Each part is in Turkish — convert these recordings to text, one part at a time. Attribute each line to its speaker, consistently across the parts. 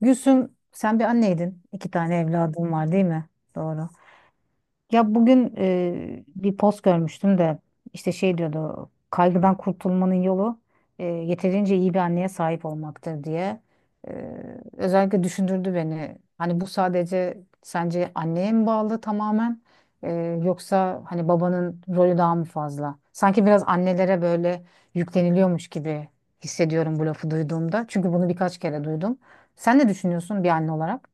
Speaker 1: Gülsüm, sen bir anneydin. İki tane evladın var, değil mi? Doğru. Ya bugün bir post görmüştüm de işte şey diyordu: kaygıdan kurtulmanın yolu yeterince iyi bir anneye sahip olmaktır diye. E, Özellikle düşündürdü beni. Hani bu sadece sence anneye mi bağlı tamamen, E, yoksa hani babanın rolü daha mı fazla? Sanki biraz annelere böyle yükleniliyormuş gibi hissediyorum bu lafı duyduğumda. Çünkü bunu birkaç kere duydum. Sen ne düşünüyorsun bir anne olarak?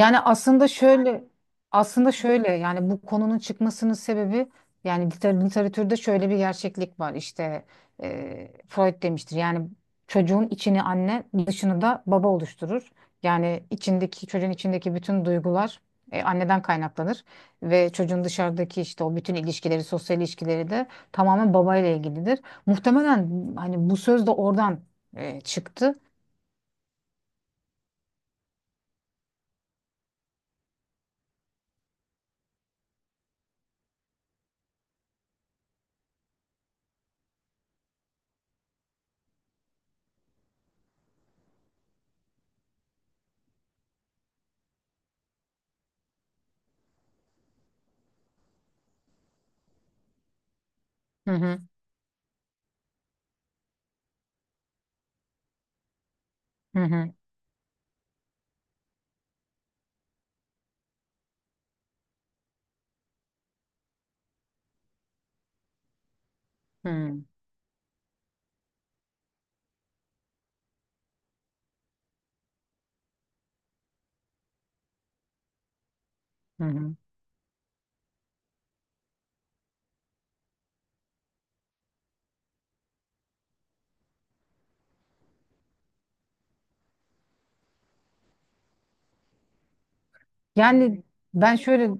Speaker 1: Yani aslında şöyle Aslında şöyle, yani bu konunun çıkmasının sebebi, yani literatürde şöyle bir gerçeklik var. İşte Freud demiştir yani çocuğun içini anne, dışını da baba oluşturur. Yani çocuğun içindeki bütün duygular anneden kaynaklanır ve çocuğun dışarıdaki işte o bütün ilişkileri, sosyal ilişkileri de tamamen babayla ilgilidir. Muhtemelen hani bu söz de oradan çıktı. Hı hı, hı hı, hı hı. Yani ben şöyle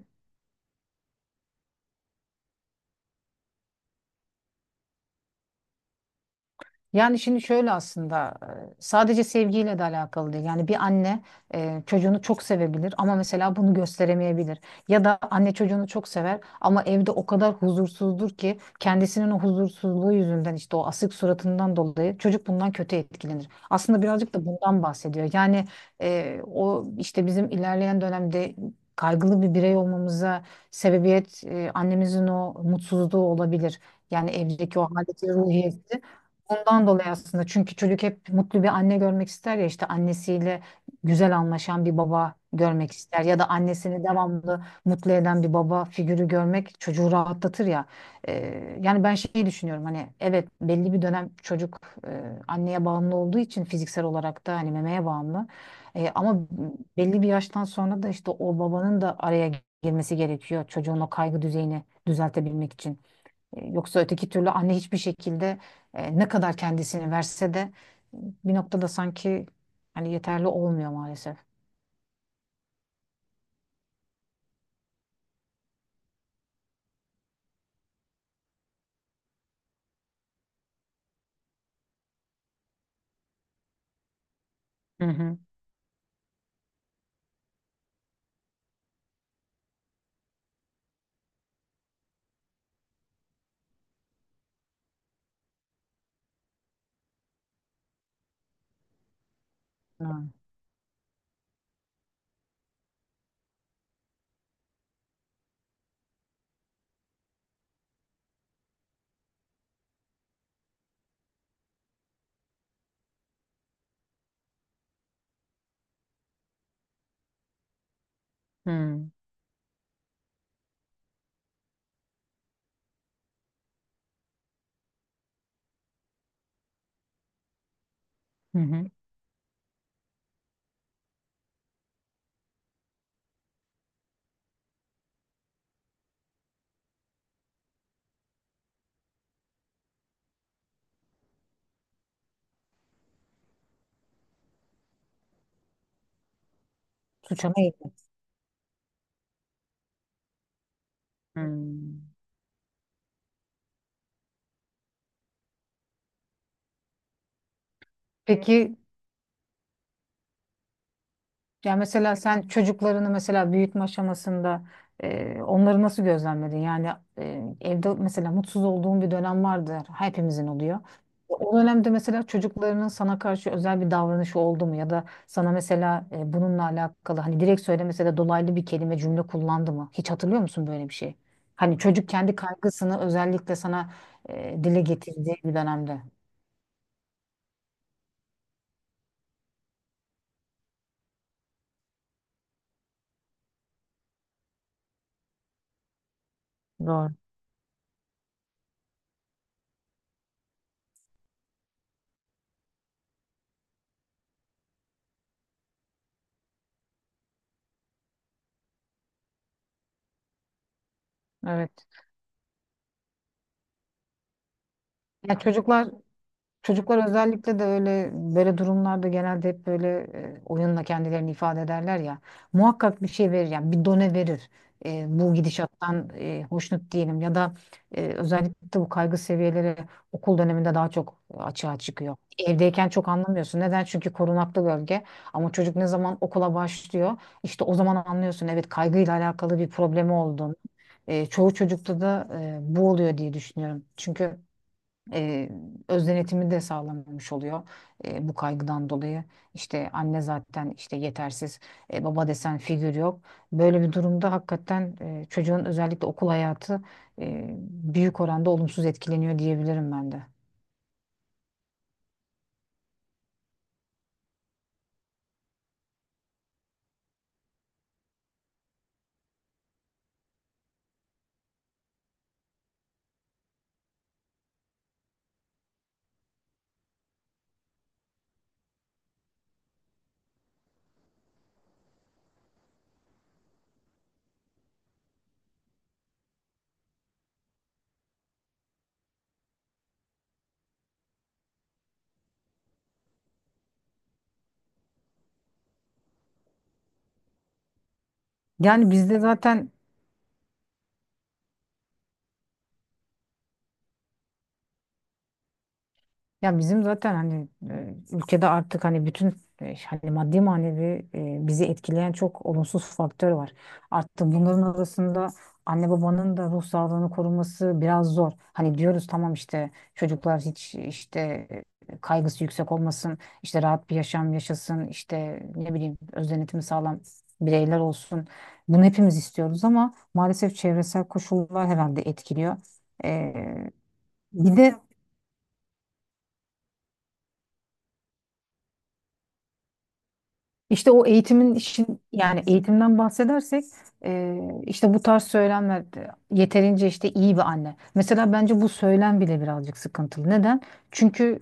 Speaker 1: Yani şimdi şöyle, aslında sadece sevgiyle de alakalı değil. Yani bir anne çocuğunu çok sevebilir ama mesela bunu gösteremeyebilir. Ya da anne çocuğunu çok sever ama evde o kadar huzursuzdur ki kendisinin o huzursuzluğu yüzünden, işte o asık suratından dolayı çocuk bundan kötü etkilenir. Aslında birazcık da bundan bahsediyor. Yani o işte bizim ilerleyen dönemde kaygılı bir birey olmamıza sebebiyet annemizin o mutsuzluğu olabilir. Yani evdeki o haleti ruhiyeti. Ondan dolayı, aslında çünkü çocuk hep mutlu bir anne görmek ister ya, işte annesiyle güzel anlaşan bir baba görmek ister ya da annesini devamlı mutlu eden bir baba figürü görmek çocuğu rahatlatır ya. Yani ben şeyi düşünüyorum, hani evet belli bir dönem çocuk e, anneye bağımlı olduğu için, fiziksel olarak da hani memeye bağımlı. Ama belli bir yaştan sonra da işte o babanın da araya girmesi gerekiyor çocuğun o kaygı düzeyini düzeltebilmek için. Yoksa öteki türlü anne hiçbir şekilde, ne kadar kendisini verse de bir noktada sanki hani yeterli olmuyor maalesef. Hı hı. Hı hı hı. Hı. Suça meyilli. Hı. Peki, ya mesela sen çocuklarını mesela büyütme aşamasında onları nasıl gözlemledin? Yani evde mesela mutsuz olduğun bir dönem vardır. Hepimizin oluyor. O dönemde mesela çocuklarının sana karşı özel bir davranışı oldu mu? Ya da sana mesela bununla alakalı, hani direkt söylemese de dolaylı bir kelime, cümle kullandı mı? Hiç hatırlıyor musun böyle bir şey? Hani çocuk kendi kaygısını özellikle sana dile getirdiği bir dönemde. Doğru. Evet. Ya çocuklar Çocuklar özellikle de öyle böyle durumlarda genelde hep böyle oyunla kendilerini ifade ederler ya. Muhakkak bir şey verir, yani bir done verir. Bu gidişattan hoşnut değilim, ya da özellikle bu kaygı seviyeleri okul döneminde daha çok açığa çıkıyor. Evdeyken çok anlamıyorsun. Neden? Çünkü korunaklı bölge. Ama çocuk ne zaman okula başlıyor, işte o zaman anlıyorsun. Evet, kaygıyla alakalı bir problemi olduğunu. Çoğu çocukta da bu oluyor diye düşünüyorum. Çünkü e, öz denetimi de sağlanmamış oluyor bu kaygıdan dolayı. İşte anne zaten işte yetersiz, baba desen figür yok. Böyle bir durumda hakikaten çocuğun özellikle okul hayatı e, büyük oranda olumsuz etkileniyor diyebilirim ben de. Yani bizde zaten Ya bizim zaten hani ülkede artık hani bütün hani maddi manevi bizi etkileyen çok olumsuz faktör var. Artık bunların arasında anne babanın da ruh sağlığını koruması biraz zor. Hani diyoruz tamam, işte çocuklar hiç işte kaygısı yüksek olmasın, işte rahat bir yaşam yaşasın, işte ne bileyim öz denetimi sağlam bireyler olsun. Bunu hepimiz istiyoruz ama maalesef çevresel koşullar herhalde etkiliyor. E, Bir de İşte o eğitimin işin, yani eğitimden bahsedersek e, işte bu tarz söylemler de yeterince işte iyi bir anne. Mesela bence bu söylem bile birazcık sıkıntılı. Neden? Çünkü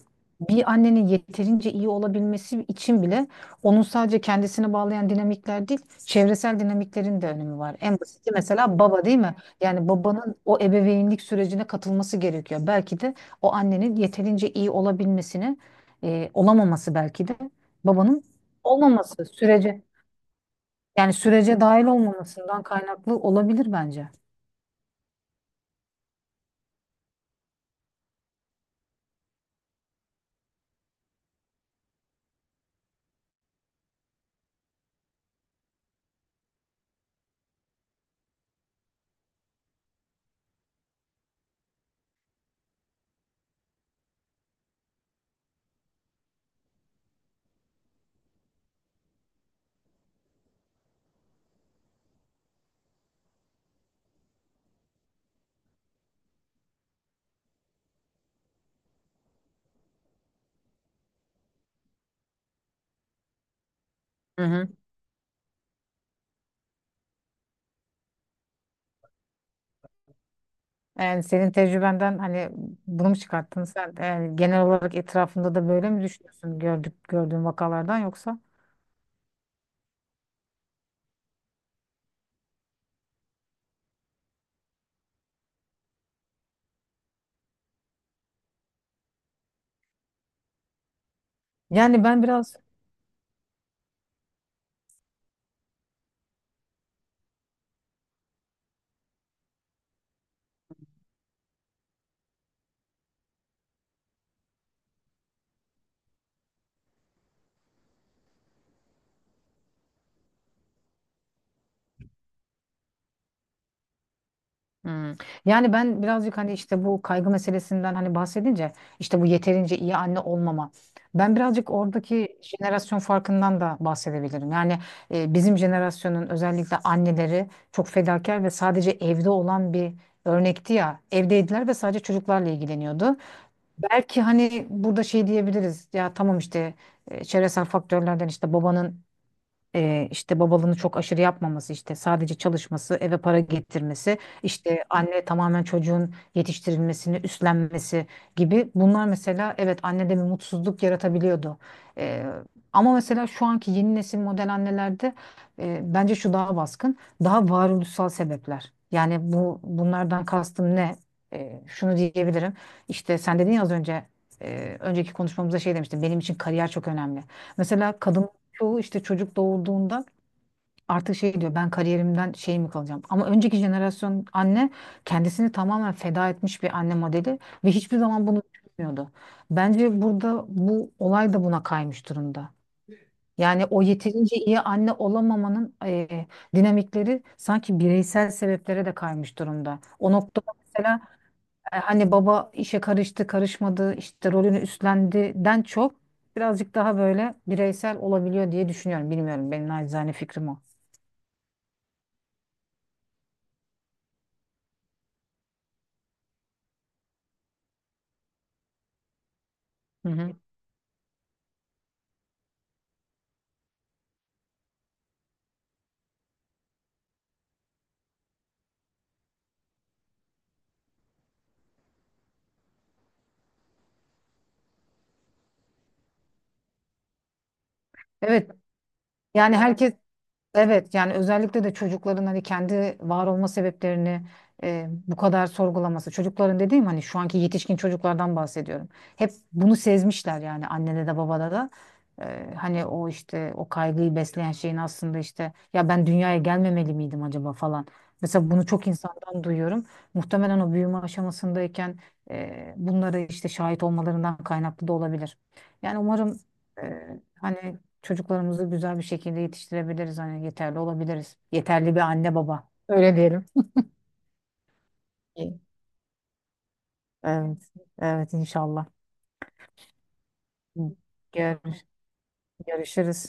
Speaker 1: bir annenin yeterince iyi olabilmesi için bile onun sadece kendisine bağlayan dinamikler değil, çevresel dinamiklerin de önemi var. En basiti mesela baba, değil mi? Yani babanın o ebeveynlik sürecine katılması gerekiyor. Belki de o annenin yeterince iyi olabilmesini, olamaması belki de babanın olmaması sürece dahil olmamasından kaynaklı olabilir bence. Hı hı. Yani senin tecrübenden hani bunu mu çıkarttın sen? Yani genel olarak etrafında da böyle mi düşünüyorsun, gördüğün vakalardan, yoksa? Yani ben biraz Hmm. Yani ben birazcık, hani işte bu kaygı meselesinden hani bahsedince, işte bu yeterince iyi anne olmama. Ben birazcık oradaki jenerasyon farkından da bahsedebilirim. Yani bizim jenerasyonun özellikle anneleri çok fedakar ve sadece evde olan bir örnekti ya. Evdeydiler ve sadece çocuklarla ilgileniyordu. Belki hani burada şey diyebiliriz ya, tamam işte çevresel faktörlerden işte babanın işte babalığını çok aşırı yapmaması, işte sadece çalışması, eve para getirmesi, işte anne tamamen çocuğun yetiştirilmesini üstlenmesi gibi, bunlar mesela evet annede bir mutsuzluk yaratabiliyordu. E, Ama mesela şu anki yeni nesil model annelerde bence şu daha baskın, daha varoluşsal sebepler. Yani bunlardan kastım ne? Şunu diyebilirim. İşte sen dedin ya az önce, önceki konuşmamızda şey demiştin. Benim için kariyer çok önemli. Mesela kadın çoğu, işte çocuk doğurduğunda artık şey diyor: ben kariyerimden şey mi kalacağım? Ama önceki jenerasyon anne kendisini tamamen feda etmiş bir anne modeli ve hiçbir zaman bunu düşünmüyordu. Bence burada bu olay da buna kaymış durumda. Yani o yeterince iyi anne olamamanın, dinamikleri sanki bireysel sebeplere de kaymış durumda. O noktada mesela hani baba işe karıştı, karışmadı, işte rolünü üstlendiden çok birazcık daha böyle bireysel olabiliyor diye düşünüyorum. Bilmiyorum, benim naçizane fikrim o. Hı hı. Evet yani herkes Evet, yani özellikle de çocukların hani kendi var olma sebeplerini bu kadar sorgulaması. Çocukların dediğim, hani şu anki yetişkin çocuklardan bahsediyorum. Hep bunu sezmişler yani, annede de babada da. Hani o işte o kaygıyı besleyen şeyin aslında, işte ya ben dünyaya gelmemeli miydim acaba falan. Mesela bunu çok insandan duyuyorum. Muhtemelen o büyüme aşamasındayken bunlara işte şahit olmalarından kaynaklı da olabilir. Yani umarım e, hani çocuklarımızı güzel bir şekilde yetiştirebiliriz. Hani yeterli olabiliriz. Yeterli bir anne baba. Öyle diyelim. İyi. Evet. Evet, inşallah. Gör- görüşürüz.